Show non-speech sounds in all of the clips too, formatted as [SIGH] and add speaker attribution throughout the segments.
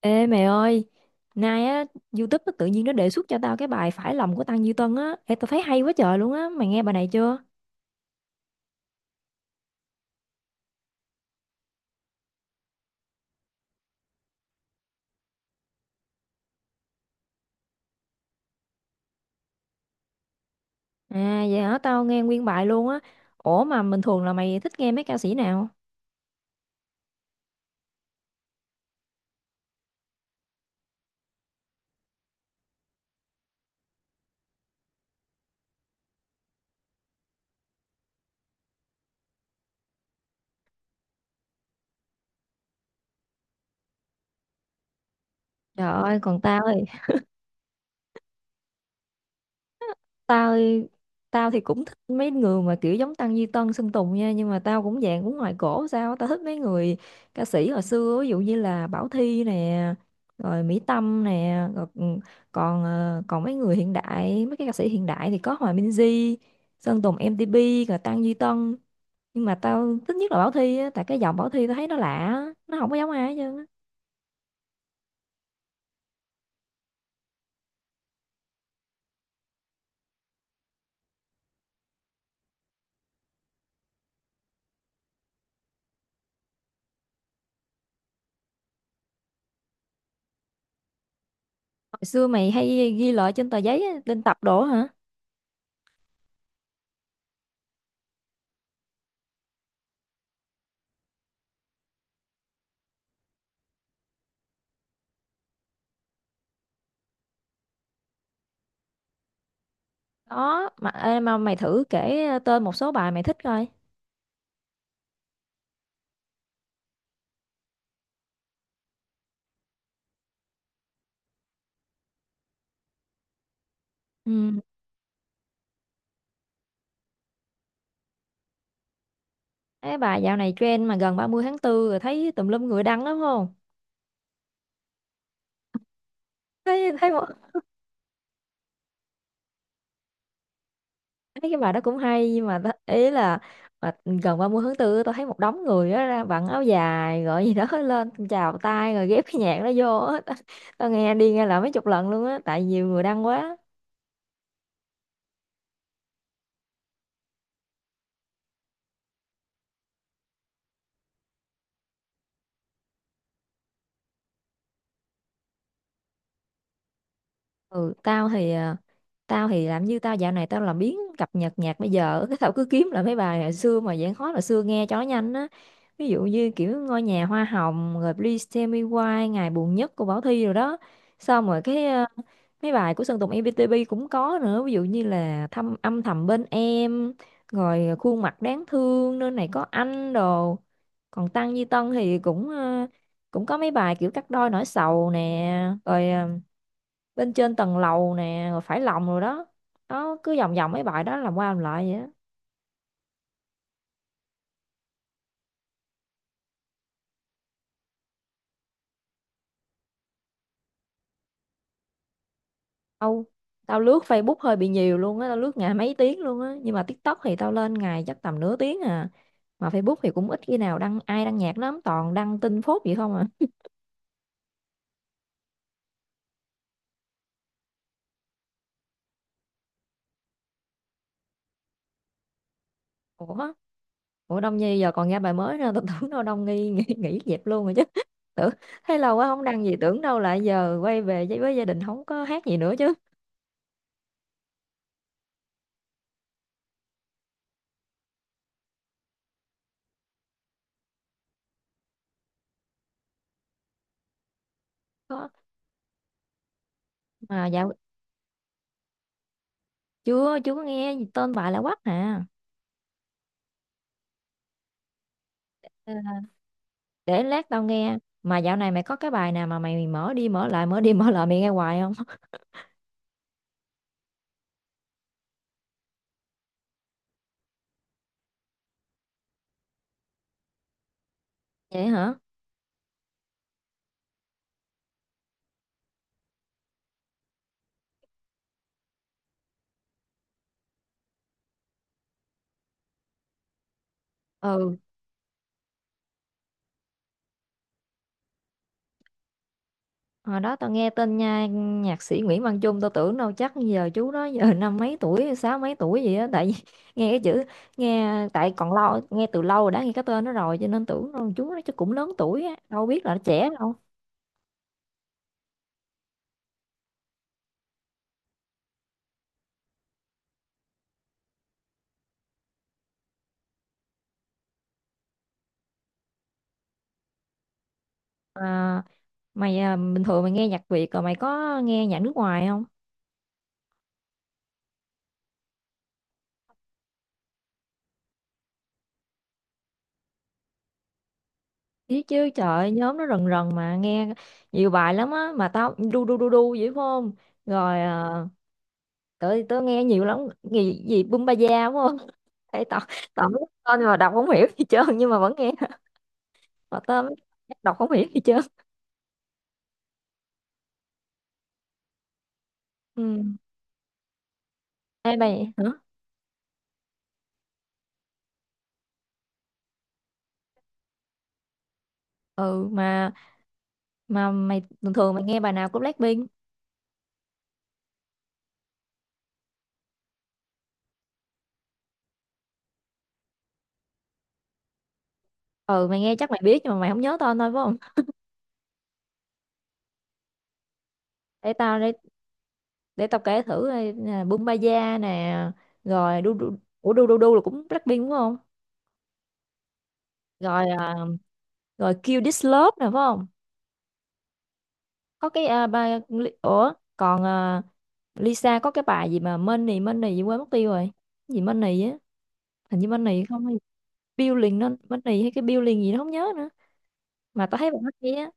Speaker 1: Ê mày ơi, nay á, YouTube nó tự nhiên nó đề xuất cho tao cái bài Phải lòng của Tăng Duy Tân á. Ê, tao thấy hay quá trời luôn á, mày nghe bài này chưa? À, vậy hả, tao nghe nguyên bài luôn á. Ủa mà bình thường là mày thích nghe mấy ca sĩ nào? Trời ơi, còn tao tao thì cũng thích mấy người mà kiểu giống Tăng Duy Tân Sơn Tùng nha nhưng mà tao cũng dạng cũng ngoài cổ sao á. Tao thích mấy người ca sĩ hồi xưa ví dụ như là Bảo Thy nè rồi Mỹ Tâm nè rồi còn còn ờ, còn mấy người hiện đại mấy cái ca sĩ hiện đại thì có Hòa Minzy Sơn Tùng MTP rồi Tăng Duy Tân nhưng mà tao thích nhất là Bảo Thy á tại cái giọng Bảo Thy tao thấy nó lạ á, nó không có giống ai hết trơn á. Hồi xưa mày hay ghi lại trên tờ giấy á, lên tập đồ á hả? Đó mà ê, mà mày thử kể tên một số bài mày thích coi. Ừ. Cái bài dạo này trend mà gần 30/4 rồi thấy tùm lum người đăng lắm không? Thấy thấy một, thấy cái bài đó cũng hay nhưng mà ý là mà gần 30/4 tôi thấy một đống người đó ra vặn áo dài gọi gì đó [LAUGHS] lên chào tay rồi ghép cái nhạc đó vô á. Tao nghe đi nghe lại mấy chục lần luôn á tại nhiều người đăng quá. Ừ, tao thì làm như tao dạo này tao làm biếng cập nhật nhạc bây giờ [LAUGHS] cái tao cứ kiếm lại mấy bài hồi xưa mà dạng khó là xưa nghe cho nó nhanh á, ví dụ như kiểu ngôi nhà hoa hồng rồi Please Tell Me Why ngày buồn nhất của Bảo Thy rồi đó. Xong rồi cái mấy bài của Sơn Tùng EPTP cũng có nữa ví dụ như là thăm âm thầm bên em rồi khuôn mặt đáng thương nơi này có anh đồ. Còn Tăng Duy Tân thì cũng có mấy bài kiểu cắt đôi nỗi sầu nè rồi bên trên tầng lầu nè rồi phải lòng rồi đó, nó cứ vòng vòng mấy bài đó làm qua làm lại vậy đó. Âu, tao lướt Facebook hơi bị nhiều luôn á, tao lướt ngày mấy tiếng luôn á nhưng mà TikTok thì tao lên ngày chắc tầm nửa tiếng à, mà Facebook thì cũng ít khi nào đăng ai đăng nhạc lắm toàn đăng tin phốt vậy không à. Ủa ủa Đông Nhi giờ còn ra bài mới nữa, tao tưởng đâu Đông Nhi nghỉ dẹp luôn rồi chứ [LAUGHS] tưởng thấy lâu quá không đăng gì tưởng đâu lại giờ quay về với gia đình không có hát gì nữa chứ. Có mà dạo chưa chưa có nghe gì tên bài là quắc à. Để lát tao nghe mà dạo này mày có cái bài nào mà mày mở đi mở lại mở đi mở lại mày nghe hoài không [LAUGHS] vậy hả. Ừ, hồi đó tao nghe tên nha nhạc sĩ Nguyễn Văn Chung tao tưởng đâu chắc giờ chú đó giờ [LAUGHS] năm mấy tuổi sáu mấy tuổi gì á tại vì [LAUGHS] nghe cái chữ nghe tại còn lâu nghe từ lâu rồi đã nghe cái tên nó rồi cho nên tưởng đâu chú nó chắc cũng lớn tuổi á đâu biết là nó trẻ đâu. À, mày à, bình thường mày nghe nhạc Việt rồi mày có nghe nhạc nước ngoài không? Biết chứ trời ơi, nhóm nó rần rần mà nghe nhiều bài lắm á mà tao đu đu đu đu vậy phải không, rồi uh, tớ tớ nghe nhiều lắm gì gì bum ba da đúng không [LAUGHS] Ê, tao tao biết tên mà đọc không hiểu gì trơn nhưng mà vẫn nghe, mà tao mới đọc không hiểu gì trơn. Ừ. Ê mày hả? Ừ, mà mày thường thường mày nghe bài nào của Blackpink? Ừ mày nghe chắc mày biết nhưng mà mày không nhớ tên thôi phải không? Để tao để để tao kể thử đây nè, bum ba da nè, rồi đu đu, ủa đu đu đu là cũng Blackpink đúng không? Rồi rồi Kill This Love nè phải không? Có cái bài, ủa còn Lisa có cái bài gì mà Money Money gì quên mất tiêu rồi. Cái gì Money á, hình như Money không hay Building nó Money hay cái Building gì nó không nhớ nữa mà tao thấy bài hát hay á,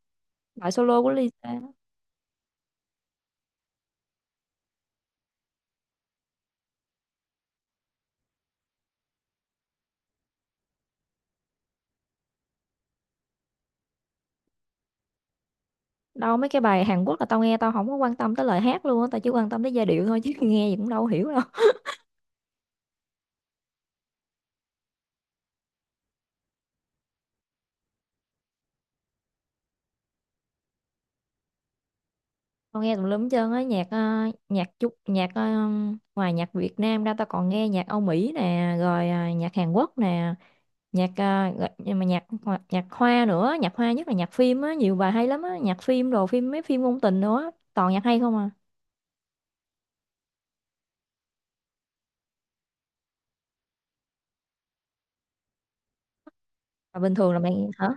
Speaker 1: bài solo của Lisa. Đâu mấy cái bài Hàn Quốc là tao nghe tao không có quan tâm tới lời hát luôn á, tao chỉ quan tâm tới giai điệu thôi chứ [LAUGHS] nghe gì cũng đâu hiểu đâu. Tao nghe tùm lum hết trơn á nhạc nhạc chút nhạc ngoài nhạc Việt Nam ra tao còn nghe nhạc Âu Mỹ nè rồi nhạc Hàn Quốc nè, nhạc nhưng mà nhạc hoa nữa, nhạc hoa nhất là nhạc phim á, nhiều bài hay lắm á, nhạc phim đồ phim mấy phim ngôn tình nữa toàn nhạc hay không à. Mà bình thường là mày hả?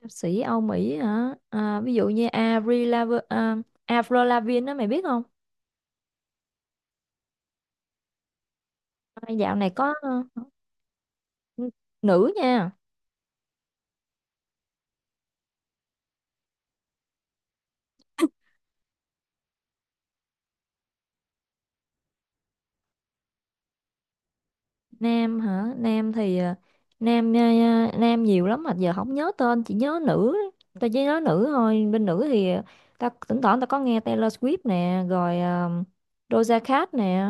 Speaker 1: Ca sĩ Âu Mỹ hả? Ví dụ như Avril Lavigne đó mày biết không? À, dạo này có n- nữ nha. Nam hả nam thì ờ, nam ờ, nam nhiều lắm mà giờ không nhớ tên chỉ nhớ nữ, tao chỉ nhớ nữ thôi, bên nữ thì tao thỉnh thoảng tao có nghe Taylor Swift nè rồi Doja Cat nè,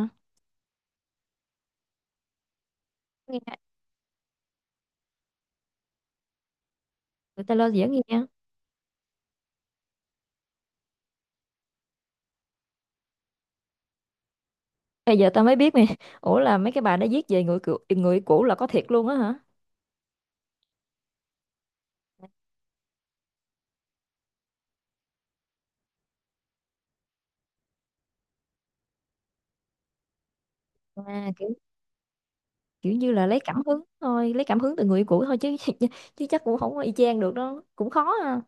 Speaker 1: nghe người ta lo dễ nghe. Bây giờ tao mới biết nè [LAUGHS] ủa là mấy cái bài đó viết về người cũ, người cũ là có thiệt luôn á hả? À, kiểu kiểu như là lấy cảm hứng thôi, lấy cảm hứng từ người cũ thôi chứ [LAUGHS] chứ chắc cũng không có y chang được đó cũng khó ha.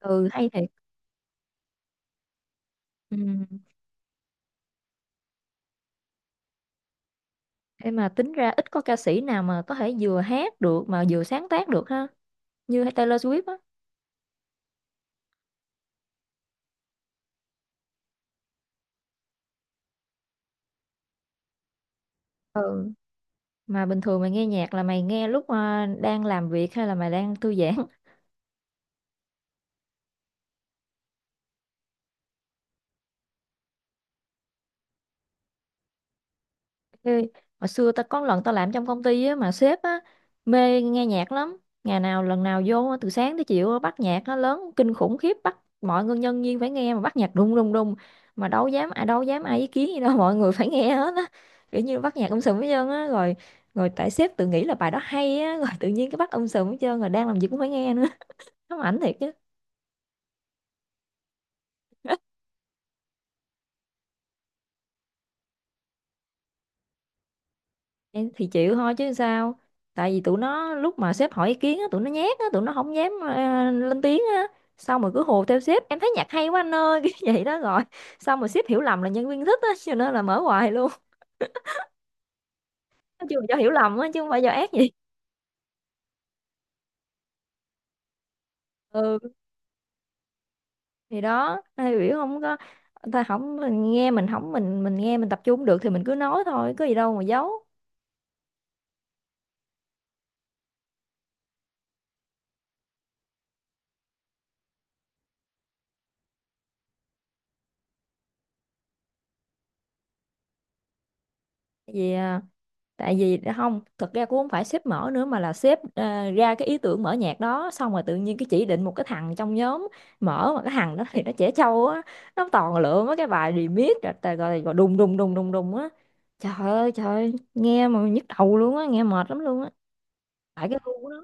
Speaker 1: Ừ hay thiệt. Ừ. Thế mà tính ra ít có ca sĩ nào mà có thể vừa hát được mà vừa sáng tác được ha, như Taylor Swift á. Ừ, mà bình thường mày nghe nhạc là mày nghe lúc đang làm việc hay là mày đang thư giãn? Ê, hồi xưa ta có lần ta làm trong công ty á, mà sếp á, mê nghe nhạc lắm. Ngày nào lần nào vô á, từ sáng tới chiều á, bắt nhạc nó lớn kinh khủng khiếp bắt mọi người nhân viên phải nghe mà bắt nhạc đùng đùng đùng, mà đâu dám ai ý kiến gì đâu [LAUGHS] mọi người phải nghe hết á, kiểu như bắt nhạc sùm hết trơn á, rồi rồi tại sếp tự nghĩ là bài đó hay á [LAUGHS] rồi tự nhiên cái bắt sùm hết trơn rồi đang làm gì cũng phải nghe nữa, nó ảnh thiệt chứ. Em thì chịu thôi chứ sao, tại vì tụi nó lúc mà sếp hỏi ý kiến á, tụi nó nhát á, tụi nó không dám lên tiếng á, xong rồi cứ hùa theo sếp em thấy nhạc hay quá anh ơi [LAUGHS] cái vậy đó rồi, xong rồi sếp hiểu lầm là nhân viên thích á cho nên là mở hoài luôn [LAUGHS] nói chung là do hiểu lầm á chứ không phải do ác gì. Ừ, thì đó ai biểu không có, ta không mình nghe mình không mình nghe mình tập trung không được thì mình cứ nói thôi có gì đâu mà giấu. Gì, tại vì đã không thật ra cũng không phải sếp mở nữa mà là sếp ra cái ý tưởng mở nhạc đó, xong rồi tự nhiên cái chỉ định một cái thằng trong nhóm mở mà cái thằng đó thì nó trẻ trâu á, nó toàn lựa mấy cái bài remix rồi đùng đùng đùng đùng đùng á, trời ơi, nghe mà nhức đầu luôn á nghe mệt lắm luôn á, tại cái gu của nó.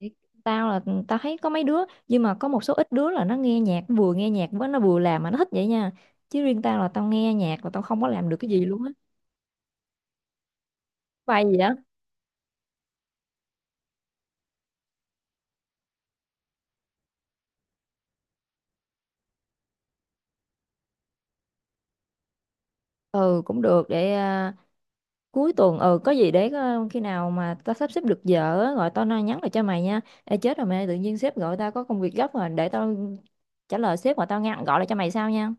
Speaker 1: Thì tao là tao thấy có mấy đứa nhưng mà có một số ít đứa là nó nghe nhạc vừa nghe nhạc với nó vừa làm mà nó thích vậy nha, chứ riêng tao là tao nghe nhạc mà tao không có làm được cái gì luôn á, bài gì á. Ừ cũng được để cuối tuần ừ có gì để khi nào mà tao sắp xếp được giờ á, gọi tao nói nhắn lại cho mày nha. Ê chết rồi mày tự nhiên sếp gọi tao có công việc gấp rồi để tao trả lời sếp mà tao ngăn gọi lại cho mày sau nha.